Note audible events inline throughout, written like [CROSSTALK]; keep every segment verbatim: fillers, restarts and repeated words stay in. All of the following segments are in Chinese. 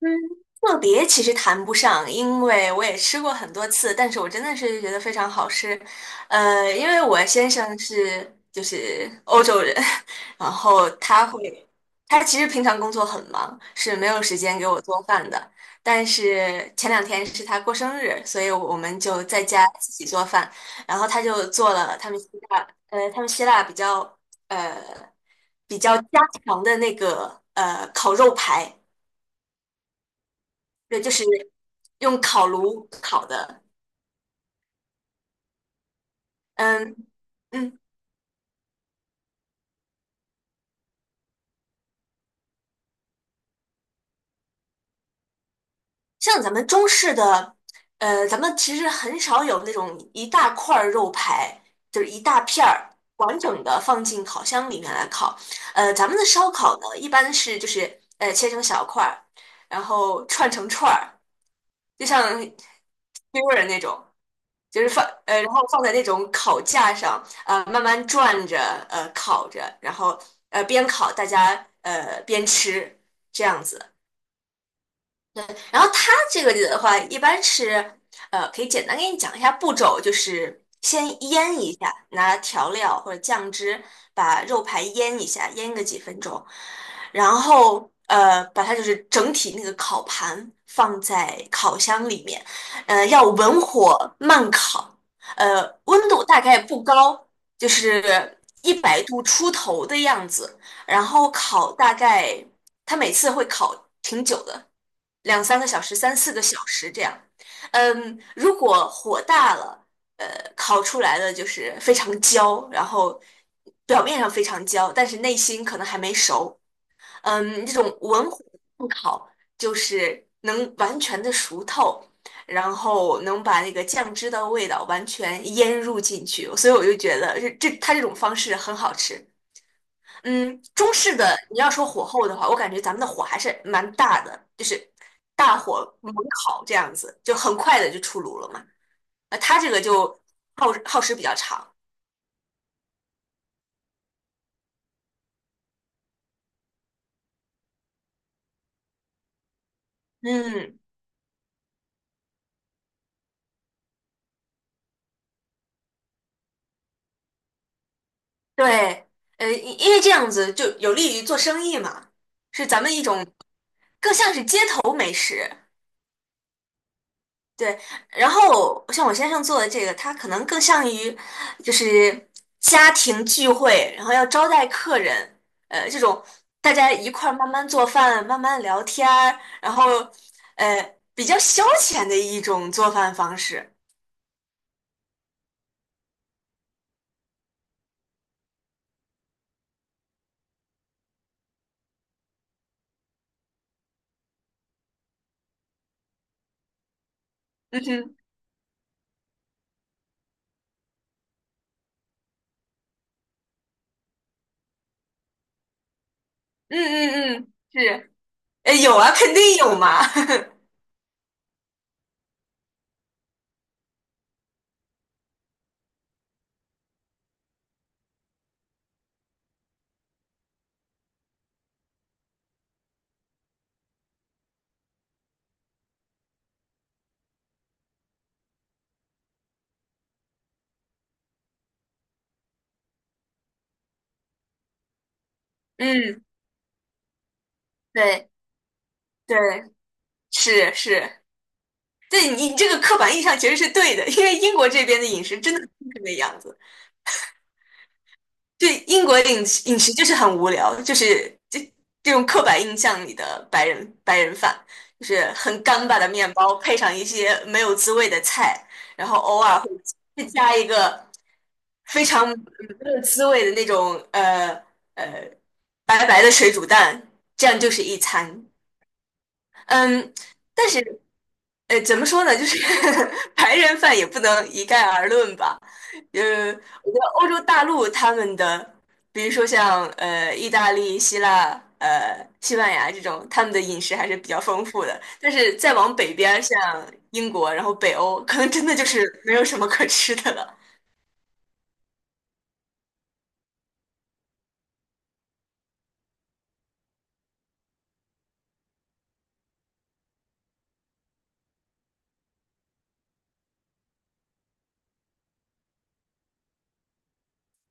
嗯，特别其实谈不上，因为我也吃过很多次，但是我真的是觉得非常好吃。呃，因为我先生是就是欧洲人，[LAUGHS] 然后他会，他其实平常工作很忙，是没有时间给我做饭的。但是前两天是他过生日，所以我们就在家自己做饭，然后他就做了他们希腊，呃，他们希腊比较呃比较家常的那个呃烤肉排。对，就是用烤炉烤的。嗯嗯，像咱们中式的，呃，咱们其实很少有那种一大块儿肉排，就是一大片儿完整的放进烤箱里面来烤。呃，咱们的烧烤呢，一般是就是呃切成小块儿，然后串成串儿，就像 s 人那种。就是放呃，然后放在那种烤架上，呃，慢慢转着，呃，烤着，然后呃边烤大家呃边吃这样子。然后它这个里的话，一般是呃，可以简单给你讲一下步骤，就是先腌一下，拿调料或者酱汁把肉排腌一下，腌个几分钟，然后呃，把它就是整体那个烤盘放在烤箱里面，呃，要文火慢烤，呃，温度大概不高，就是一百度出头的样子。然后烤大概，它每次会烤挺久的，两三个小时、三四个小时这样。嗯，如果火大了，呃，烤出来的就是非常焦，然后表面上非常焦，但是内心可能还没熟。嗯，这种文火不烤，就是能完全的熟透。然后能把那个酱汁的味道完全腌入进去，所以我就觉得这这它这种方式很好吃。嗯，中式的你要说火候的话，我感觉咱们的火还是蛮大的，就是大火猛烤这样子，就很快的就出炉了嘛。呃，它这个就耗耗时比较长。嗯，对，呃，因因为这样子就有利于做生意嘛，是咱们一种更像是街头美食。对，然后像我先生做的这个，他可能更像于就是家庭聚会，然后要招待客人，呃，这种大家一块儿慢慢做饭、慢慢聊天儿，然后呃比较消遣的一种做饭方式。嗯哼，嗯嗯嗯，是，呃，有啊，肯定有嘛。[LAUGHS] 嗯，对对，是是，对你你这个刻板印象其实是对的，因为英国这边的饮食真的就是那样子。对，英国饮食饮食就是很无聊，就是这这种刻板印象里的白人白人饭，就是很干巴的面包，配上一些没有滋味的菜，然后偶尔会会加一个非常没有滋味的那种呃呃白白的水煮蛋，这样就是一餐。嗯，但是。呃，怎么说呢？就是 [LAUGHS] 白人饭也不能一概而论吧。呃，我觉得欧洲大陆他们的，比如说像呃意大利、希腊、呃西班牙这种，他们的饮食还是比较丰富的。但是再往北边儿像英国，然后北欧，可能真的就是没有什么可吃的了。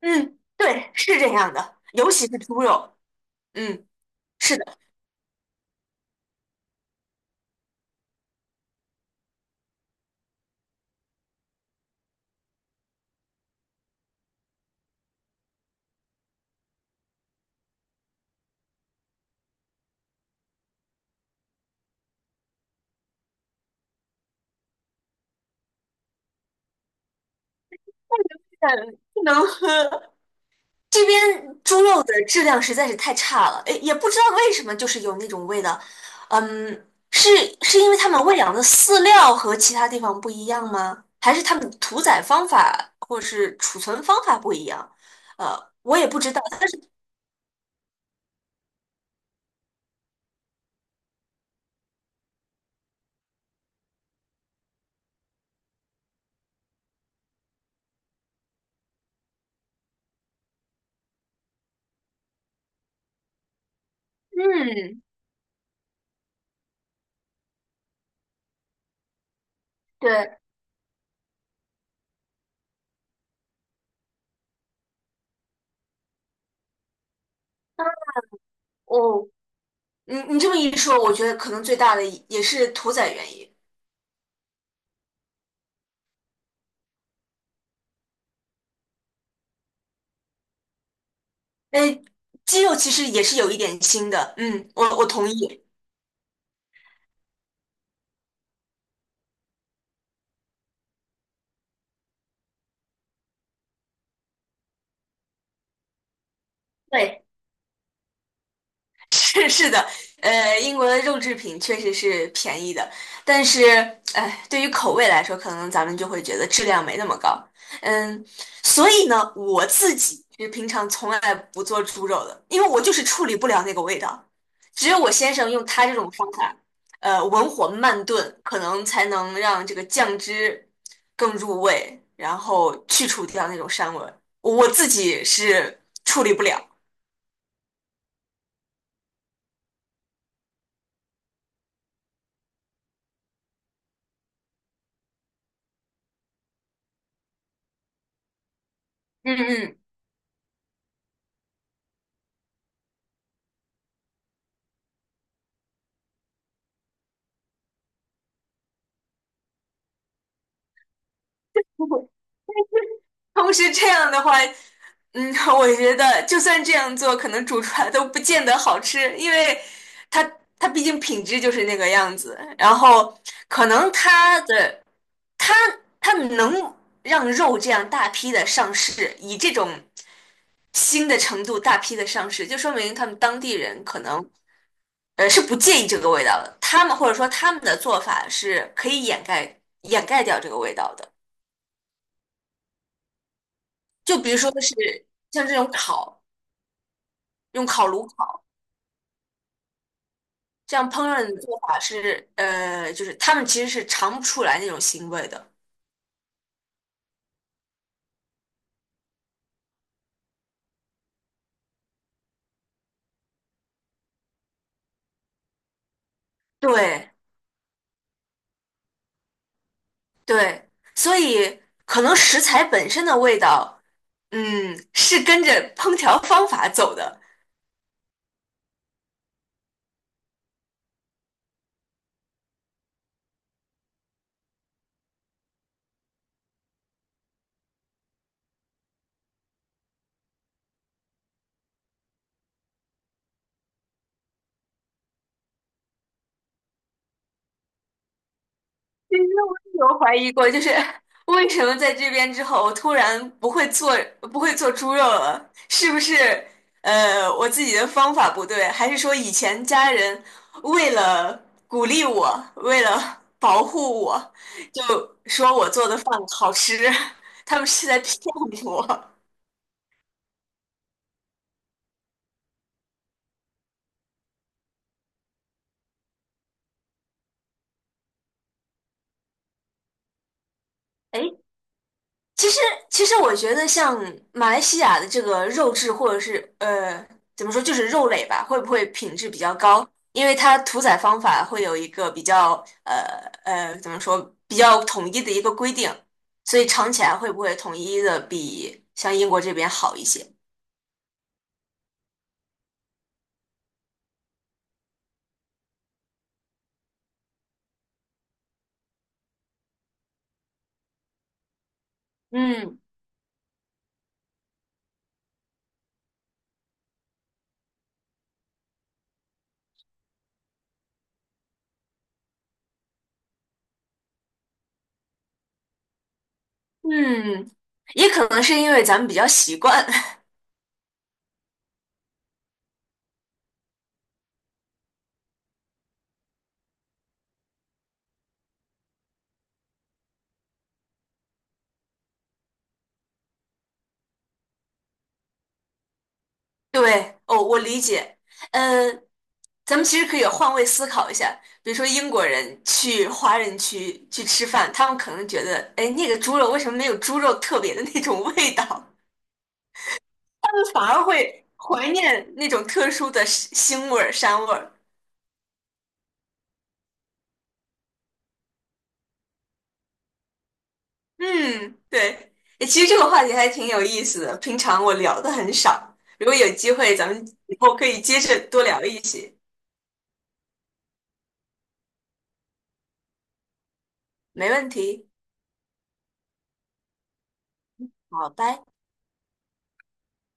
嗯，对，是这样的，尤其是猪肉。嗯，是的，但不能喝，这边猪肉的质量实在是太差了，诶，也不知道为什么，就是有那种味道。嗯，是是因为他们喂养的饲料和其他地方不一样吗？还是他们屠宰方法或者是储存方法不一样？呃，我也不知道。但是，嗯，对，哦，你你这么一说，我觉得可能最大的也是屠宰原因。诶，鸡肉其实也是有一点腥的，嗯，我我同意。对。是是的，呃，英国的肉制品确实是便宜的，但是，哎，对于口味来说，可能咱们就会觉得质量没那么高。嗯，所以呢，我自己是平常从来不做猪肉的，因为我就是处理不了那个味道。只有我先生用他这种方法，呃，文火慢炖，可能才能让这个酱汁更入味，然后去除掉那种膻味儿我自己是处理不了。嗯嗯。同时这样的话，嗯，[LAUGHS] 我觉得就算这样做，可能煮出来都不见得好吃，因为它它毕竟品质就是那个样子，然后可能它的它它能让肉这样大批的上市，以这种新的程度大批的上市，就说明他们当地人可能呃是不介意这个味道的，他们或者说他们的做法是可以掩盖掩盖掉这个味道的，就比如说是像这种烤。用烤炉烤，这样烹饪的做法是，呃，就是他们其实是尝不出来那种腥味的。对对，所以可能食材本身的味道，嗯，是跟着烹调方法走的。其实我也有怀疑过，就是 [LAUGHS] 为什么在这边之后，我突然不会做不会做猪肉了？是不是呃我自己的方法不对，还是说以前家人为了鼓励我，为了保护我，就说我做的饭好吃，[LAUGHS] 他们是在骗我？[LAUGHS] 哎。其实，其实我觉得像马来西亚的这个肉质，或者是呃，怎么说，就是肉类吧，会不会品质比较高？因为它屠宰方法会有一个比较呃呃，怎么说，比较统一的一个规定，所以尝起来会不会统一的比像英国这边好一些？嗯嗯，也可能是因为咱们比较习惯。[LAUGHS] 对，哦，我理解。嗯。咱们其实可以换位思考一下，比如说英国人去华人区去吃饭，他们可能觉得，哎，那个猪肉为什么没有猪肉特别的那种味道？[LAUGHS] 他们反而会怀念那种特殊的腥味儿、膻味儿。嗯，对，哎其实这个话题还挺有意思的，平常我聊的很少，如果有机会，咱们以后可以接着多聊一些。没问题，好，拜。